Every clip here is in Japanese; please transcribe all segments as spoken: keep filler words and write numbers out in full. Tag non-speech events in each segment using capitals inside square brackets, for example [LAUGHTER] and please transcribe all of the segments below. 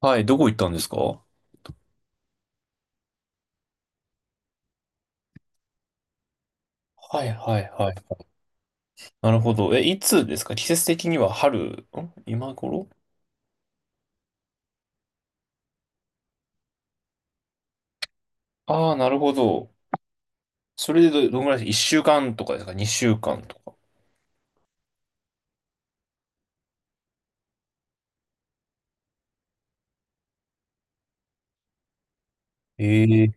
はい、どこ行ったんですか？はいはいはい。なるほど。え、いつですか？季節的には春、ん今頃？ああー、なるほど。それでど、どのぐらいです？ いっ 週間とかですか？ に 週間とか。ええ。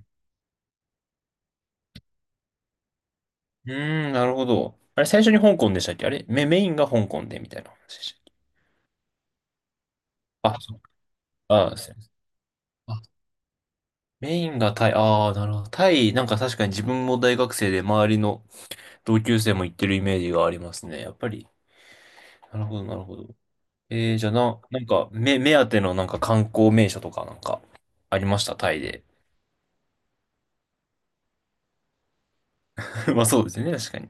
うーん、なるほど。あれ、最初に香港でしたっけ？あれメ、メインが香港でみたいな話でしたっけ？あ、そう。あー、すいません。あ、メインがタイ、ああ、なるほど。タイ、なんか確かに自分も大学生で周りの同級生も行ってるイメージがありますね。やっぱり。なるほど、なるほど。えー、じゃあな、なんか、目、目当てのなんか観光名所とかなんか、ありましたタイで？[LAUGHS] まあそうですよね、確かに。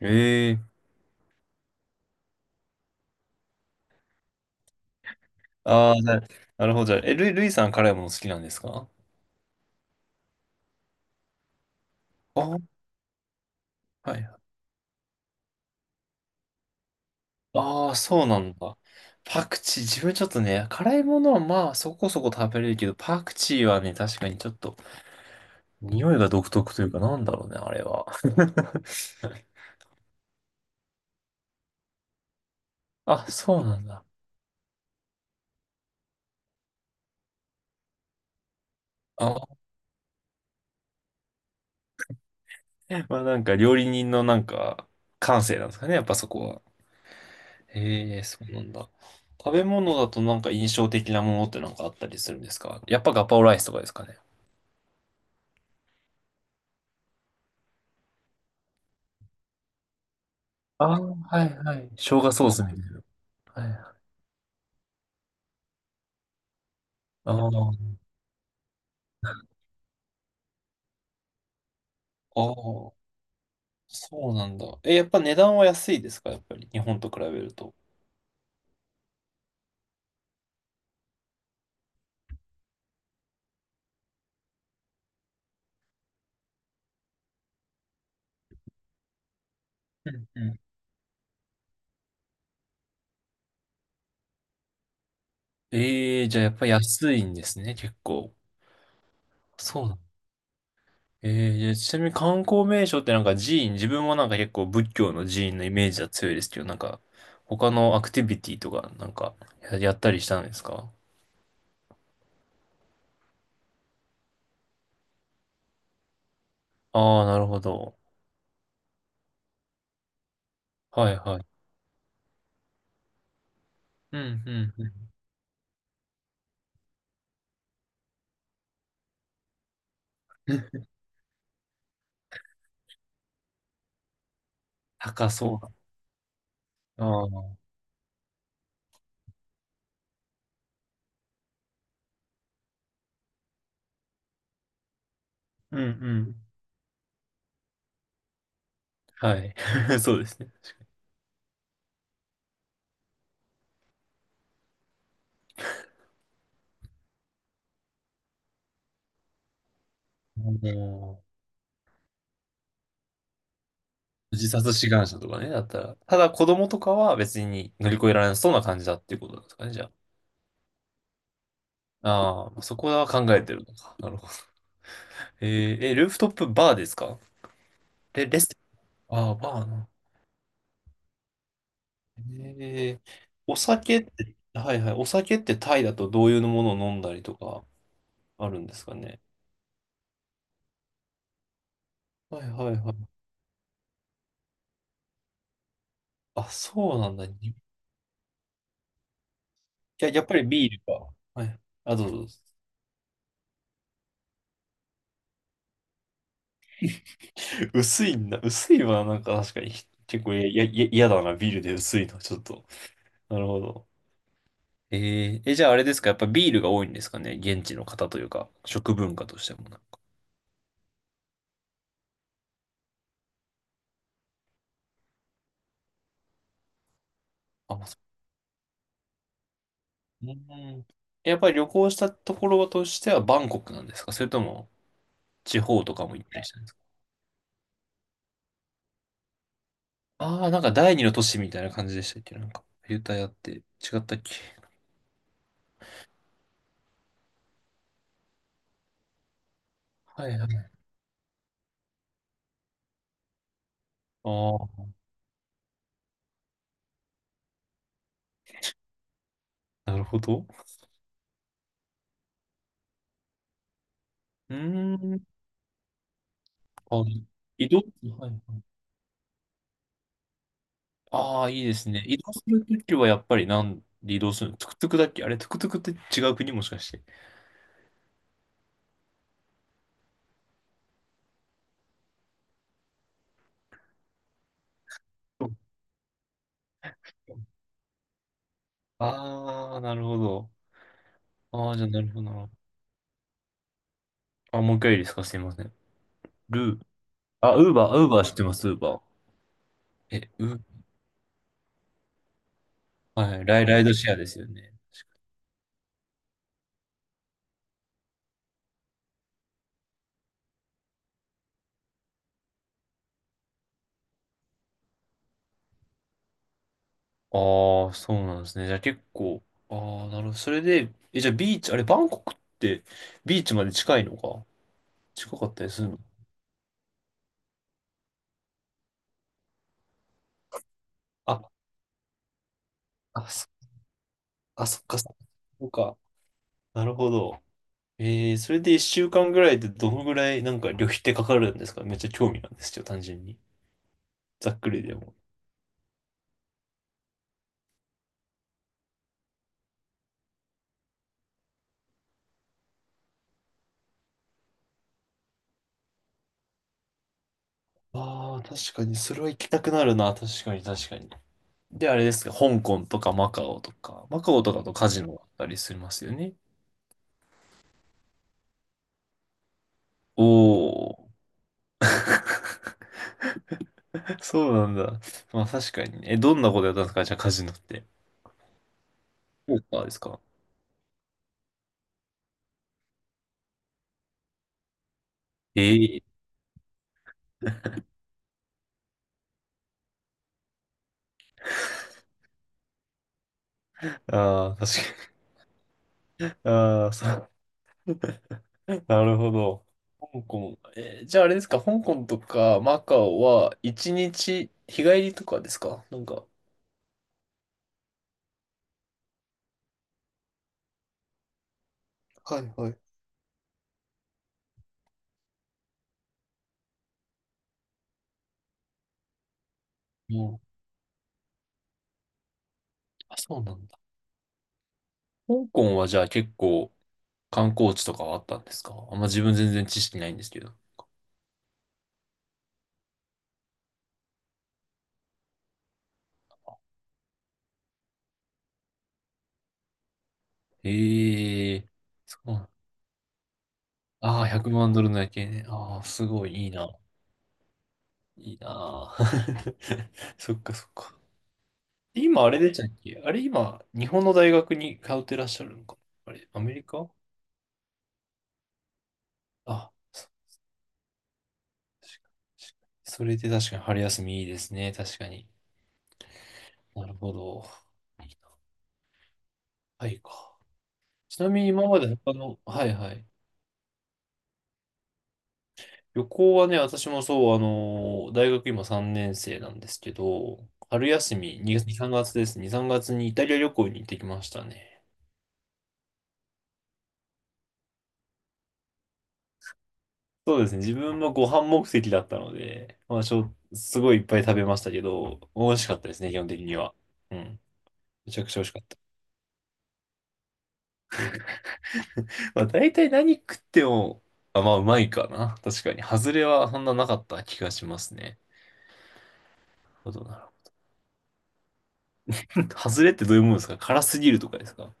ええ。ああー、な、なるほど。じゃあ、え、ルイ、ルイさん辛いもの好きなんですか？あー、はい。ああ、そうなんだ。パクチー、自分ちょっとね、辛いものはまあそこそこ食べれるけど、パクチーはね、確かにちょっと、匂いが独特というか、なんだろうね、あれは。[LAUGHS] あ、そうなんだ。あ、まあなんか料理人のなんか、感性なんですかね、やっぱそこは。へえ、そうなんだ。食べ物だとなんか印象的なものってなんかあったりするんですか？やっぱガパオライスとかですかね。ああ、はいはい。生姜ソースみたいな。はい。あーあー、あそうなんだ。え、やっぱ値段は安いですか？やっぱり日本と比べると。うんうん。ええ。じゃあやっぱ安いんですね、結構。そうなの。ええ。じゃあちなみに観光名所ってなんか寺院、自分はなんか結構仏教の寺院のイメージは強いですけど、なんか他のアクティビティとかなんかや、やったりしたんですか？ああ、なるほど。はいはい。うん、うん、うん。[LAUGHS] 高そうだ。ああ、うん、うん。はい。[LAUGHS] そうですね。あの自殺志願者とかね、だったら。ただ子供とかは別に乗り越えられなそうな感じだっていうことですかね、じゃあ。ああ、そこは考えてるのか。なるほど。えー、え、ルーフトップバーですか？レ、レスト、ああ、バーな。えー、お酒って、はいはい、お酒ってタイだとどういうものを飲んだりとかあるんですかね。はいはいはい。あ、そうなんだ。や、やっぱりビールか。はい。あ、どうぞどうぞ。[LAUGHS] 薄いんだ。薄いはなんか確かに結構や、や、や嫌だな。ビールで薄いの。ちょっと。なるほど。えー、え、じゃああれですか。やっぱビールが多いんですかね。現地の方というか、食文化としてもなんか。あ、まあそううん。やっぱり旅行したところとしてはバンコクなんですか？それとも地方とかも行ったりしたんですか？ああー、なんか第二の都市みたいな感じでしたっけ？なんか、ユタヤって違ったっけ？はいはい。ああ、なるほど。うーん。あ、移動、はいはい。ああ、いいですね。移動するときはやっぱりなんで移動するの？トゥクトゥクだっけ？あれ、トゥクトゥクって違う国もしかして？ああー、なるほど。ああ、じゃあなるほどな。あ、もう一回いいですか？すいません。ルー。あ、ウーバー、ウーバー知ってます、ウーバー。え、ウー、はい、ライ、ライドシェアですよね。ああ、そうなんですね。じゃあ結構、ああ、なるほど。それで、え、じゃあビーチ、あれ、バンコクってビーチまで近いのか、近かったりするの？あ、あ、そ、あ、そっか、そっか。なるほど。えー、それで一週間ぐらいでどのぐらいなんか旅費ってかかるんですか？めっちゃ興味なんですよ、単純に。ざっくりでも。ああ、確かに、それは行きたくなるな、確かに、確かに。で、あれですか、香港とかマカオとか、マカオとかとカジノだったりしますよね。おお。[LAUGHS] そうなんだ。まあ確かにね。え、どんなことやったんですか？じゃあカジノって。ポーカーですか？ええー。ああー、確かに。ああ、そう。なるほど。香港。えーじゃああれですか、香港とかマカオは一日日帰りとかですかなんか。はいはい。うん。あ、そうなんだ。香港はじゃあ結構観光地とかはあったんですか？あんま自分全然知識ないんですけど。ええ。そうなんああ、ひゃくまんドルの夜景ね。ああ、すごいいいな。いいなあ。[LAUGHS] そっかそっか。今あれでしたっけ？あれ今、日本の大学に通ってらっしゃるのか、あれ、アメリカ？あ、確かに。それで確かに春休みいいですね。確かに。なるほど。はいか。ちなみに今まで他の、はいはい。旅行はね、私もそう、あのー、大学今さんねん生なんですけど、春休みに、に さんがつです。に、さんがつにイタリア旅行に行ってきましたね。そうですね。自分もご飯目的だったので、まあ、しょ、すごいいっぱい食べましたけど、美味しかったですね、基本的には。うん。めちゃくちゃ美味しかった。まあ、大体何食っても、あ、まあ、うまいかな。確かに。外れはそんななかった気がしますね。なるほどな。[LAUGHS] 外れってどういうものですか？辛すぎるとかですか？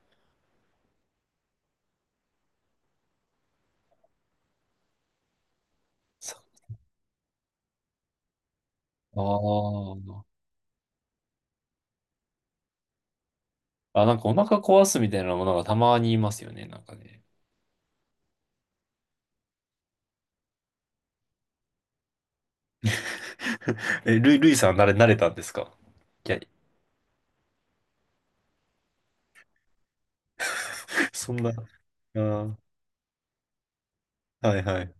さあーあ、なんかお腹壊すみたいなものがたまにいますよね。なんかね。[LAUGHS] え、ルイ、ルイさん慣れ、慣れたんですか？いや、[LAUGHS] そんな、あー、はいはい。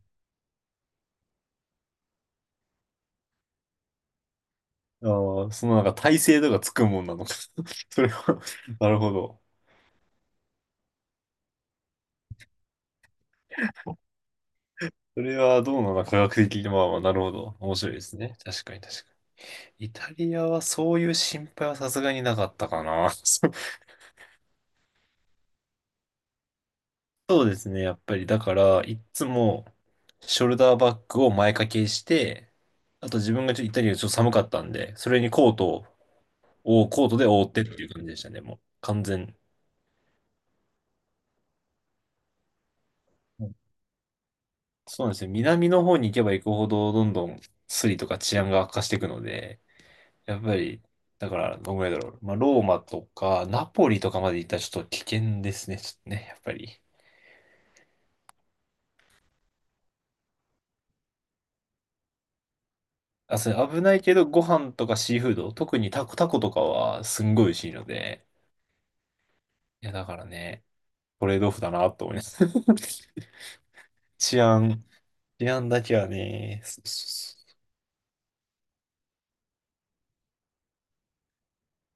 あー、そのなんか耐性とかつくもんなのか。[LAUGHS] それは [LAUGHS] なるほど。それはどうなの科学的に、まあまあ、なるほど。面白いですね。確かに確かに。イタリアはそういう心配はさすがになかったかな。[LAUGHS] そうですね、やっぱり。だから、いっつも、ショルダーバッグを前掛けして、あと自分がちょっとイタリアちょっと寒かったんで、それにコートを、コートで覆ってっていう感じでしたね、もう。完全。うん。そうなんですよ。南の方に行けば行くほど、どんどんスリとか治安が悪化していくので、やっぱり、だから、どんぐらいだろう。まあ、ローマとか、ナポリとかまで行ったらちょっと危険ですね、ちょっとね、やっぱり。あ、それ危ないけど、ご飯とかシーフード、特にタコ、タコとかはすんごい美味しいので、いや、だからね、トレードオフだなと思います。[LAUGHS] 治安、治安だけはね、そうそうそ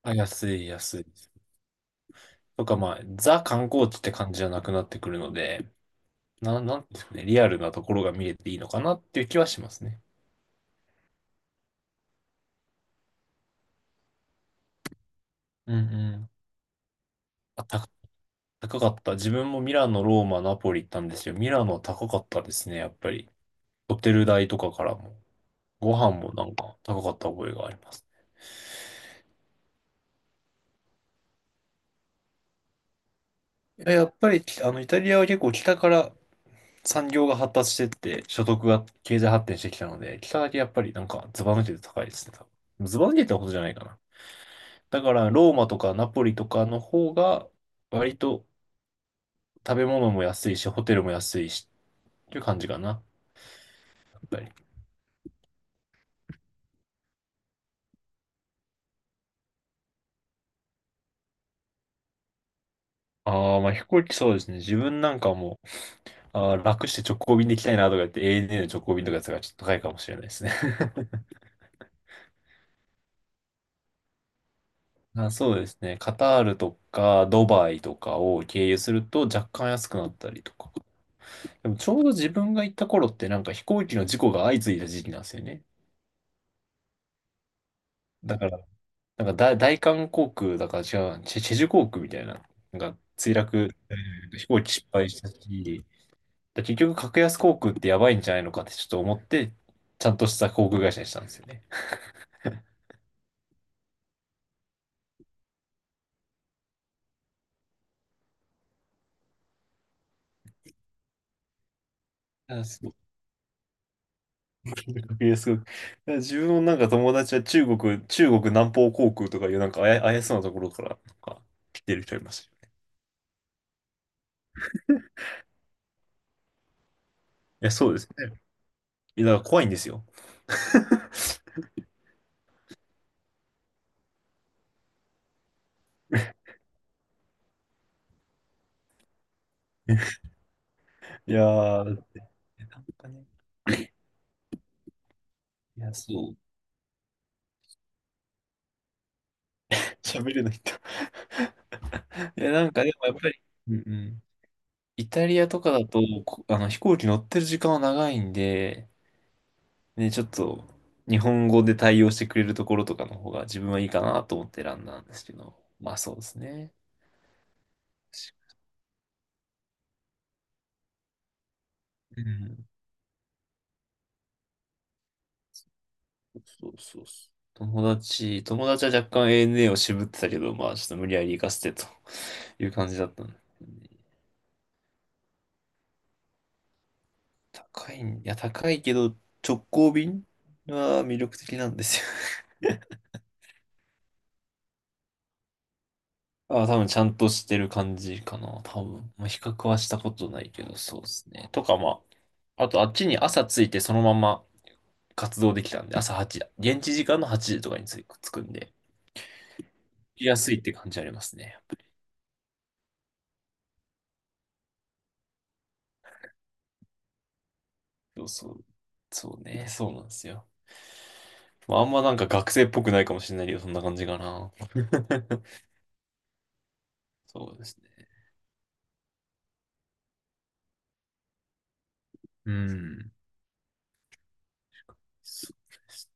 う、あ、安い、安い。とか、まあ、ザ観光地って感じじゃなくなってくるので、な、なんていうんですかね、リアルなところが見れていいのかなっていう気はしますね。うんうん。あ、た、高かった。自分もミラノ、ローマ、ナポリ行ったんですよ。ミラノは高かったですね、やっぱり。ホテル代とかからも。ご飯もなんか高かった覚えがあります。いや、やっぱり、あの、イタリアは結構北から産業が発達してって、所得が経済発展してきたので、北だけやっぱりなんかズバ抜けて高いですね、多分。ズバ抜けてほどじゃないかな。だから、ローマとかナポリとかの方が、割と食べ物も安いし、ホテルも安いし、っていう感じかな、やっぱり。ああ、まあ飛行機そうですね。自分なんかもう、あー楽して直行便で行きたいなとか言って、エーエヌエー の直行便とかやつがちょっと高いかもしれないですね。あ、そうですね。カタールとかドバイとかを経由すると若干安くなったりとか。でもちょうど自分が行った頃ってなんか飛行機の事故が相次いだ時期なんですよね。だから、なんか大、大韓航空だから違うな、チェ、チェジュ航空みたいな、なんか墜落、飛行機失敗したし、だ結局格安航空ってやばいんじゃないのかってちょっと思って、ちゃんとした航空会社にしたんですよね。あ、そう、えすごい。だから自分のなんか友達は中国、中国南方航空とかいうなんかあや、怪しそうなところからなんか来てる人いますよ。いや、そうですね。いや、だから怖いんですよ。[LAUGHS] いやー、なんかね、いや、そう、喋れないん、いや、なんかでもやっぱり、うんうん。イタリアとかだと、こあの、飛行機乗ってる時間は長いんで、ね、ちょっと、日本語で対応してくれるところとかの方が自分はいいかなと思って選んだんですけど、まあそうですね。うん、そうそうそう。友達、友達は若干 エーエヌエー を渋ってたけど、まあちょっと無理やり行かせてという感じだったんだよね。高いん、いや高いけど直行便は魅力的なんですよ。 [LAUGHS] あ、多分ちゃんとしてる感じかな、多分。まあ、比較はしたことないけど、そうですね。とかまあ、あとあっちに朝着いてそのまま活動できたんで、朝はちじ、現地時間のはちじとかに着く着くんで、行きやすいって感じありますね。そうそう。そうね、そうなんですよ。まあ、あんまなんか学生っぽくないかもしれないけど、そんな感じかな。[LAUGHS] そうですね。うん。そうです